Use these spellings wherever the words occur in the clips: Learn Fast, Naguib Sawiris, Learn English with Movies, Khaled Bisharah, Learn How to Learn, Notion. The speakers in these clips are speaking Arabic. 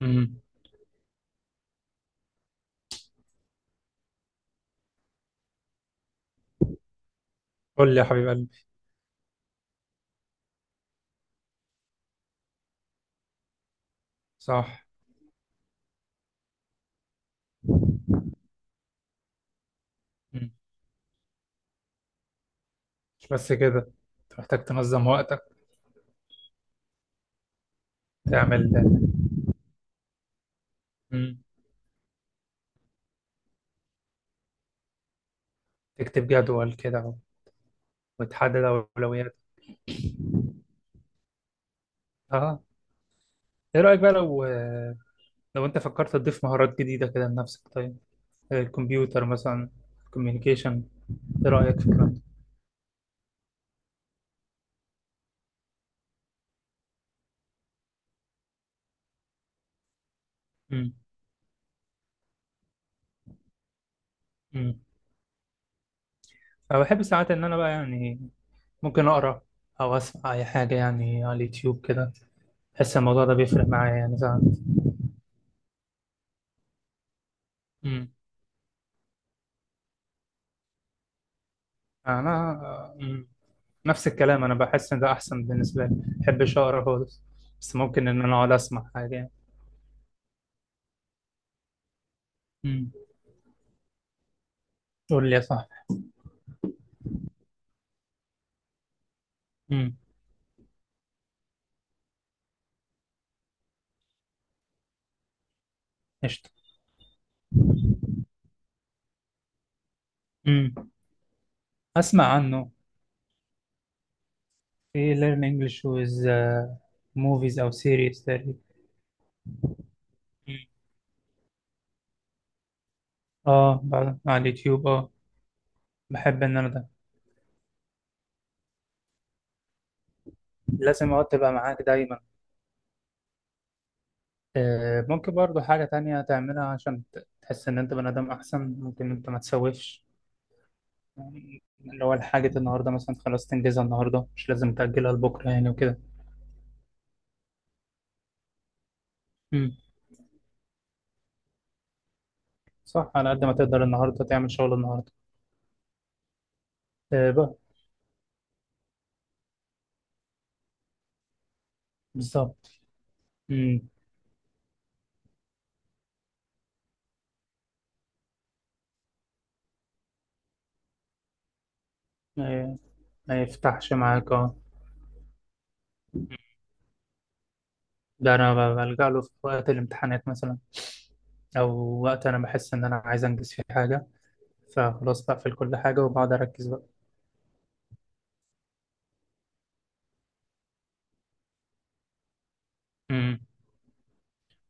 امم قول لي يا حبيب قلبي. صح. مم. مش بس كده، انت محتاج تنظم وقتك. تعمل. مم. تكتب جدول كده وتحدد اولوياتك. اه، ايه رايك بقى لو انت فكرت تضيف مهارات جديده كده لنفسك؟ طيب، زي الكمبيوتر مثلا، كوميونيكيشن، ايه رايك في الكلام ده؟ مم. مم. انا بحب ساعات ان انا بقى يعني ممكن اقرا او اسمع اي حاجه يعني على اليوتيوب كده. بحس الموضوع ده بيفرق معايا يعني ساعات. انا مم. نفس الكلام، انا بحس ان ده احسن بالنسبه لي، ما بحبش اقرا خالص بس ممكن ان انا اقعد اسمع حاجه يعني. مم. قول لي يا صاحبي. مم. قشطه. مم. اسمع عنه. في learn English with movies او series تقريبا. مم. اه بعد على اليوتيوب اه، بحب ان انا ده لازم اقعد تبقى معاك دايما. آه، ممكن برضو حاجه تانية تعملها عشان تحس ان انت بني ادم احسن. ممكن انت ما تسوفش يعني، اللي هو الحاجة النهاردة مثلا خلاص تنجزها النهاردة، مش لازم تأجلها لبكرة يعني وكده. امم صح، على قد ما تقدر النهاردة تعمل شغل النهاردة. آه بقى. بالظبط. امم آه، ما يفتحش معاك اه. ده أنا بلجأ له في وقت الامتحانات مثلا، أو وقت أنا بحس إن أنا عايز أنجز فيه حاجة، فخلاص بقفل كل حاجة وبقعد أركز بقى. امم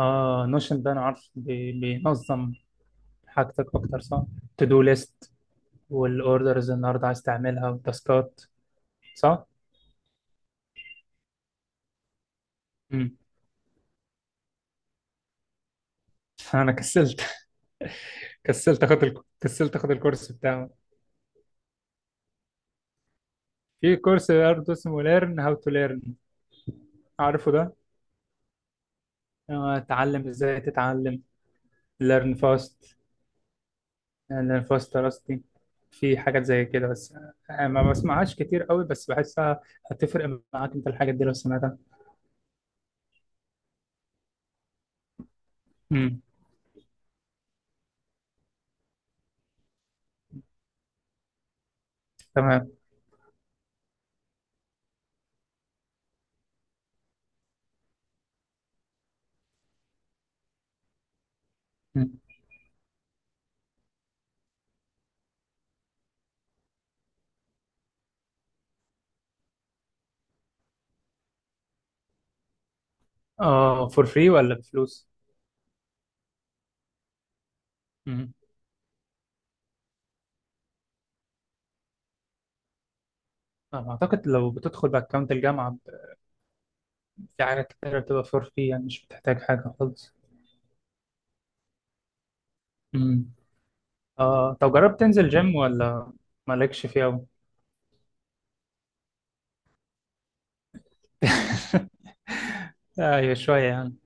اه، نوشن ده أنا عارف بينظم حاجتك أكتر صح؟ تو دو ليست والأوردرز النهاردة عايز تعملها والتاسكات. صح؟ انا كسلت. كسلت اخد كسلت اخد الكورس بتاعه. في كورس برضه اسمه ليرن هاو تو ليرن، عارفه ده؟ آه، اتعلم ازاي تتعلم. ليرن فاست. ليرن فاست راستي. في حاجات زي كده، بس آه، ما بسمعهاش كتير قوي بس بحسها هتفرق معاك انت الحاجات دي لو سمعتها. امم تمام. مم. اه، فور فري ولا بفلوس؟ امم آه، اعتقد لو بتدخل باكونت الجامعه في حاجات كتير بتبقى فور فري يعني مش بتحتاج حاجه خالص. امم اه، طب جربت تنزل جيم ولا مالكش فيه أوي؟ ايوه شوية يعني.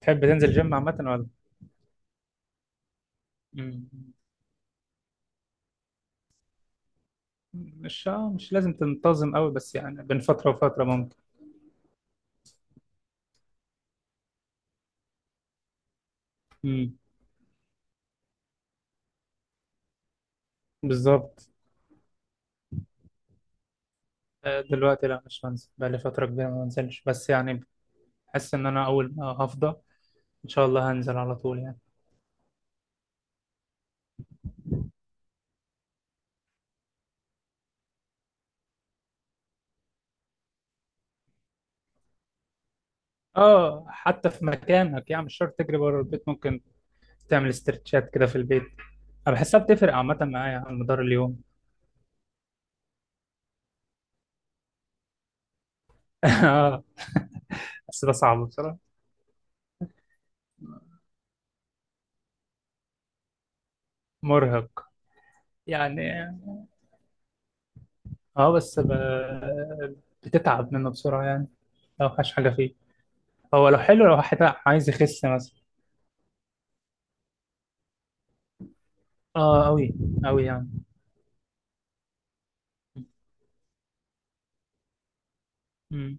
تحب تنزل جيم عامة ولا؟ مم. مش مش لازم تنتظم أوي بس يعني بين فترة وفترة ممكن. مم. بالظبط. آه، دلوقتي لا مش بنزل، بقالي فترة كبيرة ما بنزلش، بس يعني بحس إن أنا أول ما هفضى إن شاء الله هنزل على طول يعني. اه، حتى في مكانك يعني مش شرط تجري بره البيت، ممكن تعمل استرتشات كده في البيت. أنا بحسها بتفرق عامة معايا على مدار اليوم. اه بس ده صعب بصراحة. مرهق يعني. اه بس بتتعب منه بسرعة يعني لو مفيهاش حاجة فيه. هو لو حلو لو واحد عايز يخس مثلا. اه أوي، أوي يعني. امم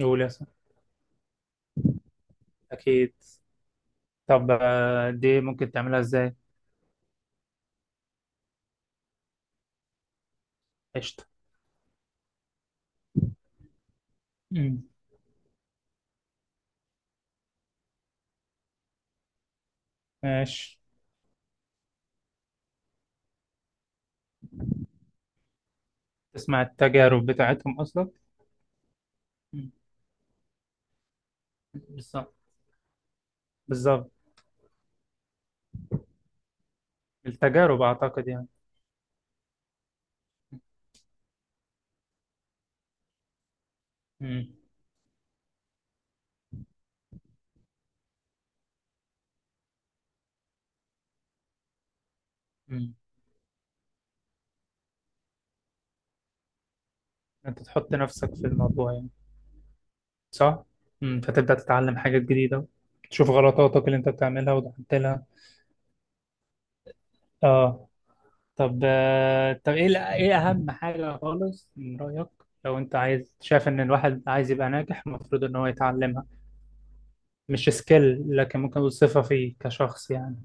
قول يا سلام. أكيد. طب آه، دي ممكن تعملها إزاي؟ قشطة. امم ماشي. تسمع التجارب بتاعتهم أصلا. مم. بالظبط. بالظبط. التجارب أعتقد يعني. امم امم أنت تحط نفسك في الموضوع يعني صح؟ مم. فتبدأ تتعلم حاجات جديدة، تشوف غلطاتك اللي انت بتعملها وتعدلها. اه. طب آه، طب ايه ايه اهم حاجة خالص من رأيك لو انت عايز شايف ان الواحد عايز يبقى ناجح المفروض ان هو يتعلمها؟ مش سكيل لكن ممكن نقول صفة فيه كشخص يعني.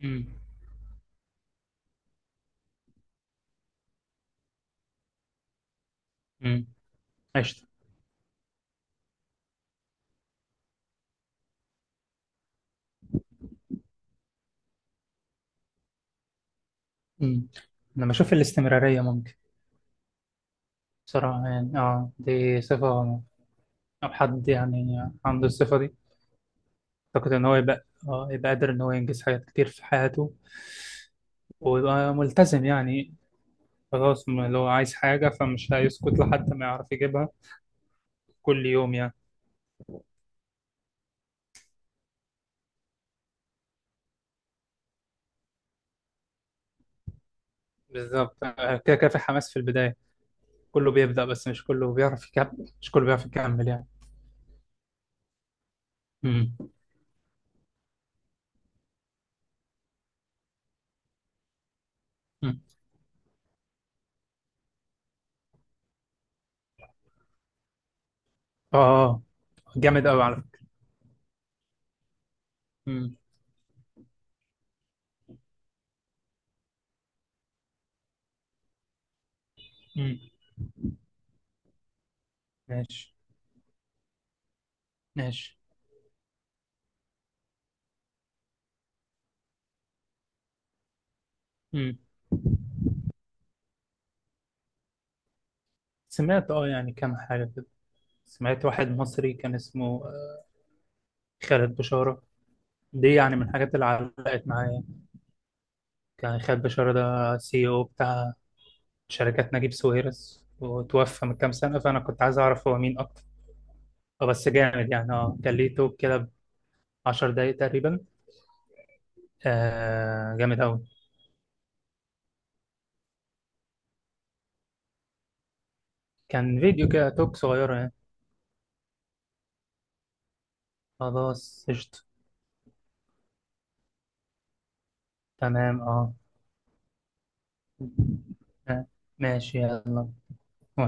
امم امم قشطة. امم انا بشوف الاستمرارية ممكن، بصراحة يعني. اه، دي صفة لو حد يعني عنده الصفة دي اعتقد ان هو يبقى اه يبقى قادر ان هو ينجز حاجات كتير في حياته ويبقى ملتزم يعني. خلاص، لو عايز حاجة فمش هيسكت لحد ما يعرف يجيبها كل يوم يعني. بالظبط، آه، كده كده في حماس في البداية، كله بيبدأ بس مش كله بيعرف يكمل، مش كله بيعرف يكمل يعني. امم أمم. اه آه، جامد قوي على فكرة. امم أمم. ماشي. ماشي. امم سمعت اه يعني كام حاجة كده. سمعت واحد مصري كان اسمه خالد بشارة، دي يعني من الحاجات اللي علقت معايا. كان خالد بشارة ده سي او بتاع شركات نجيب ساويرس وتوفى من كام سنة، فأنا كنت عايز أعرف هو مين أكتر. آه، بس جامد يعني. اه كان ليه توك كده 10 دقايق تقريبا. آه جامد أوي. كان فيديو كده توك صغيرة يعني. خلاص قشطة. تمام اه. آه، ماشي يلا.